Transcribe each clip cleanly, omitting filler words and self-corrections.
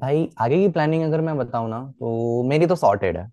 भाई आगे की प्लानिंग अगर मैं बताऊँ ना तो मेरी तो सॉर्टेड है।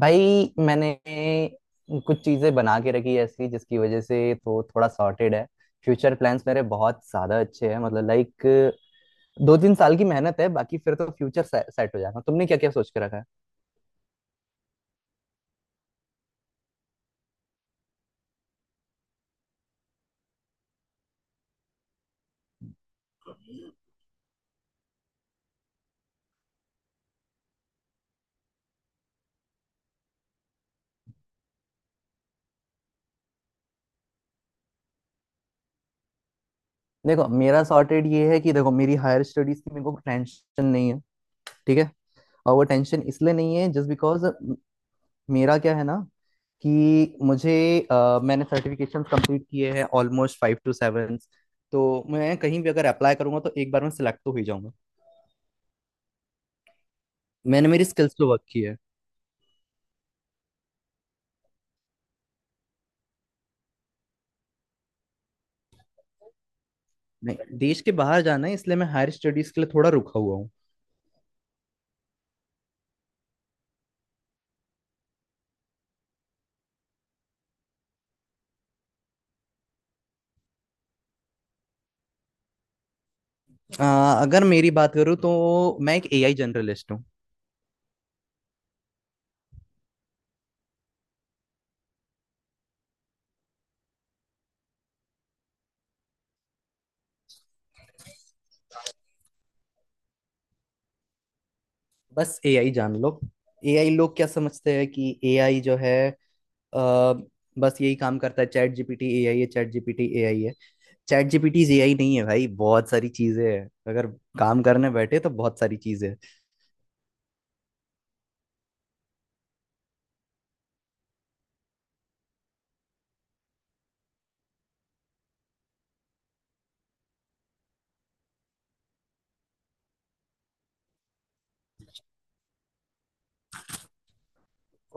भाई मैंने कुछ चीज़ें बना के रखी है ऐसी जिसकी वजह से तो थोड़ा सॉर्टेड है। फ्यूचर प्लान्स मेरे बहुत ज़्यादा अच्छे हैं, मतलब लाइक 2-3 साल की मेहनत है, बाकी फिर तो फ्यूचर सेट हो जाएगा। तुमने क्या क्या सोच के रखा है? देखो, मेरा सॉर्टेड ये है कि देखो मेरी हायर स्टडीज की मेरे को टेंशन नहीं है। ठीक है। और वो टेंशन इसलिए नहीं है, जस्ट बिकॉज मेरा क्या है ना, कि मुझे मैंने सर्टिफिकेशन कंप्लीट किए हैं ऑलमोस्ट 5 to 7। तो मैं कहीं भी अगर अप्लाई करूंगा तो एक बार में सिलेक्ट तो हो ही जाऊंगा। मैंने मेरी स्किल्स पे वर्क की है। नहीं, देश के बाहर जाना है इसलिए मैं हायर स्टडीज के लिए थोड़ा रुका हुआ हूँ। अ, अगर मेरी बात करूँ तो मैं एक एआई जनरलिस्ट हूँ। बस एआई जान लो। एआई लोग क्या समझते हैं कि एआई जो है अ, बस यही काम करता है। चैट जीपीटी एआई है, चैट जीपीटी एआई है, चैट जीपीटी एआई नहीं है भाई। बहुत सारी चीजें हैं, अगर काम करने बैठे तो बहुत सारी चीजें हैं।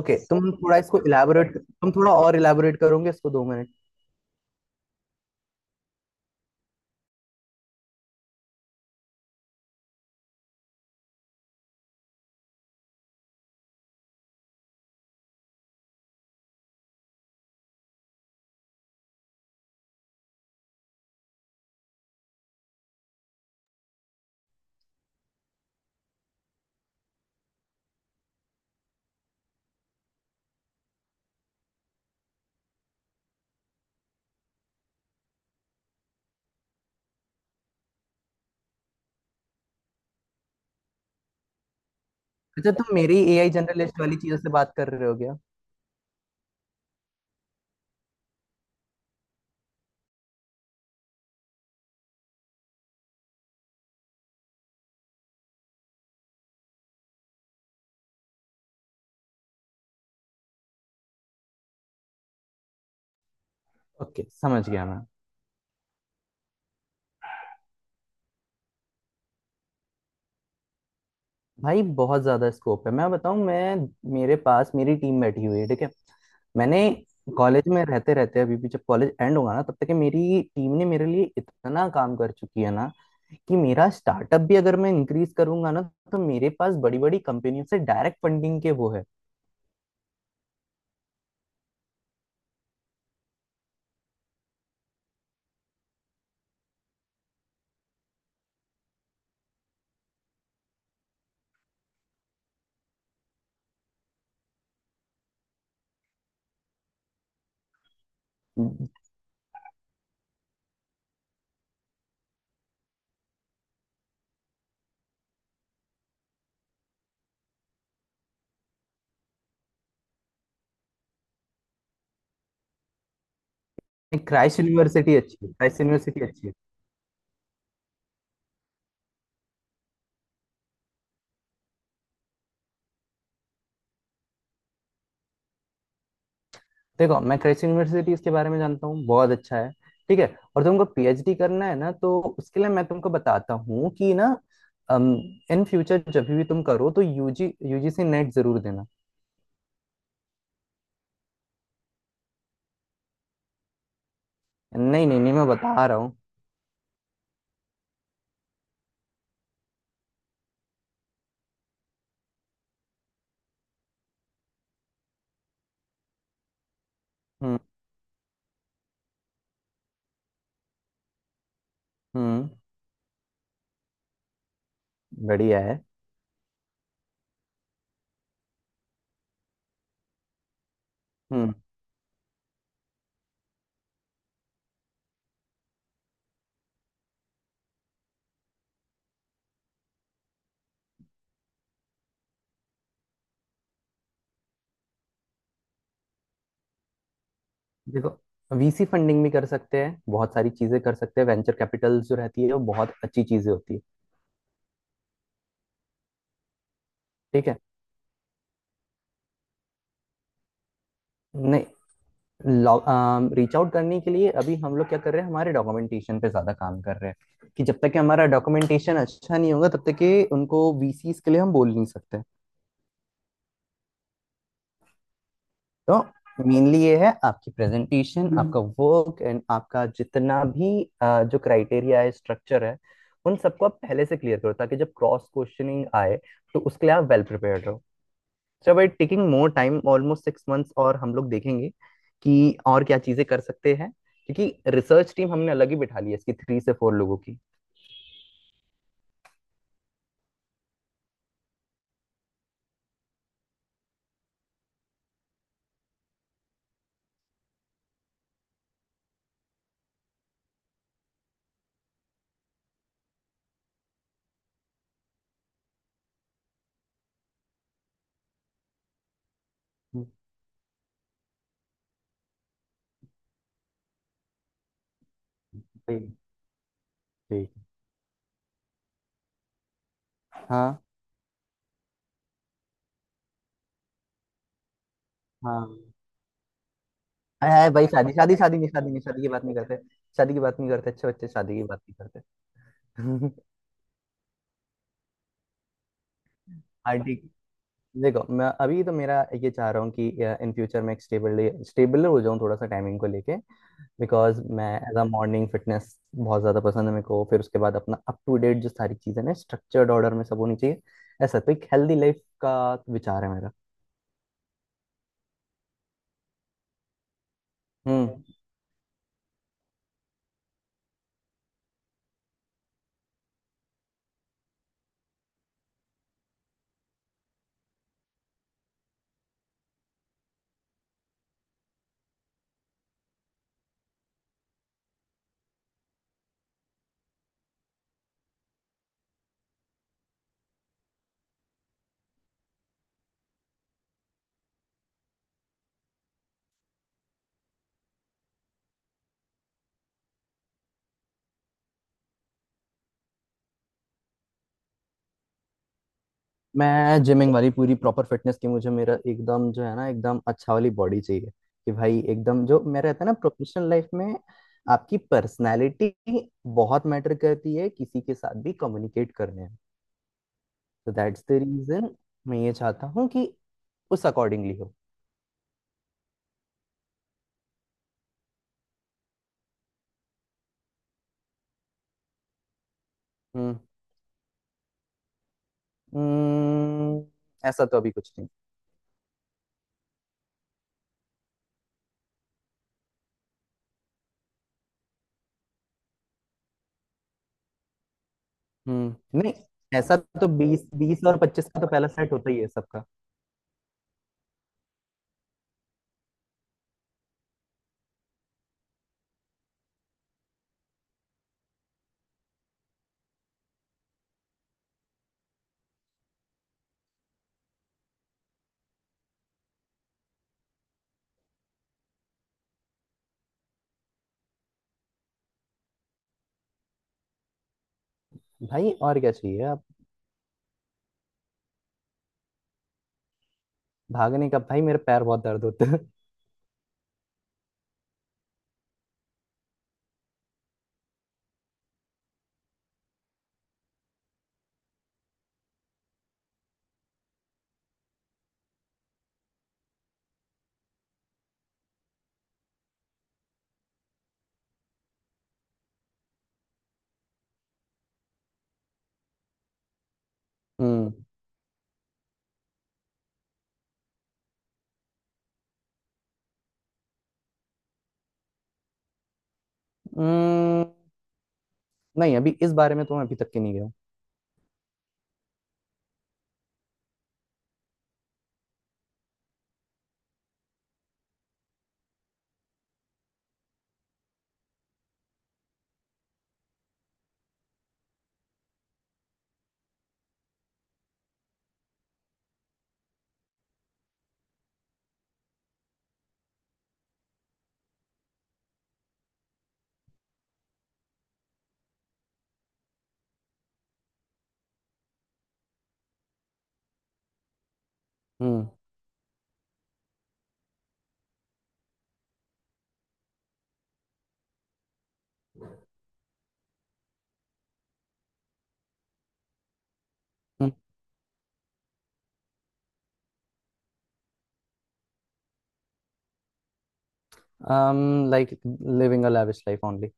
ओके, तुम थोड़ा और इलाबोरेट करोगे इसको, 2 मिनट? अच्छा, तुम मेरी एआई जनरलिस्ट वाली चीजों से बात कर रहे हो क्या? ओके, समझ गया मैं। भाई बहुत ज्यादा स्कोप है। मैं बताऊं मैं मेरे पास मेरी टीम बैठी हुई है। ठीक है। मैंने कॉलेज में रहते रहते, अभी भी जब कॉलेज एंड होगा ना, तब तक मेरी टीम ने मेरे लिए इतना काम कर चुकी है ना कि मेरा स्टार्टअप भी अगर मैं इंक्रीज करूंगा ना, तो मेरे पास बड़ी बड़ी कंपनियों से डायरेक्ट फंडिंग के वो है। क्राइस्ट यूनिवर्सिटी अच्छी है, क्राइस्ट यूनिवर्सिटी अच्छी है। देखो, मैं कृषि यूनिवर्सिटी इसके बारे में जानता हूँ, बहुत अच्छा है। ठीक है। और तुमको पीएचडी करना है ना, तो उसके लिए मैं तुमको बताता हूँ कि ना, इन फ्यूचर जब भी तुम करो तो यूजीसी नेट जरूर देना। नहीं नहीं नहीं, मैं बता रहा हूँ। हम्म। हम्म। बढ़िया है। हम्म। देखो, वीसी फंडिंग भी कर सकते हैं, बहुत सारी चीजें कर सकते हैं। वेंचर कैपिटल जो रहती है वो बहुत अच्छी चीजें होती है। ठीक है। नहीं, रीच आउट करने के लिए अभी हम लोग क्या कर रहे हैं, हमारे डॉक्यूमेंटेशन पे ज्यादा काम कर रहे हैं कि जब तक कि हमारा डॉक्यूमेंटेशन अच्छा नहीं होगा तब तक कि उनको वीसीस के लिए हम बोल नहीं सकते। तो मेनली ये है, आपकी प्रेजेंटेशन, आपका वर्क एंड आपका जितना भी जो क्राइटेरिया है, स्ट्रक्चर है, उन सबको आप पहले से क्लियर करो ताकि जब क्रॉस क्वेश्चनिंग आए तो उसके लिए आप वेल प्रिपेयर्ड रहो। चलो, it taking more time, almost 6 months, और हम लोग देखेंगे कि और क्या चीजें कर सकते हैं, क्योंकि रिसर्च टीम हमने अलग ही बिठा ली है इसकी, 3 से 4 लोगों की। ठीक। ठीक। हाँ। हाँ। आय आय भाई, शादी, शादी, शादी नहीं, शादी नहीं, शादी की बात नहीं करते। शादी की बात नहीं करते, अच्छे बच्चे शादी की बात नहीं करते। हाँ, ठीक। देखो, मैं अभी तो मेरा ये चाह रहा हूँ कि इन फ्यूचर मैं एक स्टेबल स्टेबल हो जाऊँ, थोड़ा सा टाइमिंग को लेके, बिकॉज मैं एज अ मॉर्निंग फिटनेस बहुत ज़्यादा पसंद है मेरे को। फिर उसके बाद अपना अप टू डेट, जो सारी चीज़ें ना, स्ट्रक्चर्ड ऑर्डर में सब होनी चाहिए। ऐसा तो एक हेल्दी लाइफ का विचार है मेरा। हम्म। मैं जिमिंग वाली पूरी प्रॉपर फिटनेस की, मुझे मेरा एकदम जो है ना, एकदम अच्छा वाली बॉडी चाहिए। कि भाई एकदम जो मेरा रहता है ना प्रोफेशनल लाइफ में, आपकी पर्सनालिटी बहुत मैटर करती है किसी के साथ भी कम्युनिकेट करने में। तो दैट्स द रीजन मैं ये चाहता हूँ कि उस अकॉर्डिंगली हो। हम्म। हम्म, ऐसा तो अभी कुछ नहीं। हम्म, नहीं। ऐसा तो ओके, 20, 20 और 25 का तो पहला सेट होता ही है सबका। भाई और क्या चाहिए अब, भागने का? भाई मेरे पैर बहुत दर्द होते हैं। हम्म। हम्म, नहीं अभी इस बारे में तो मैं अभी तक के नहीं गया हूँ। हम्म, like living a lavish life only.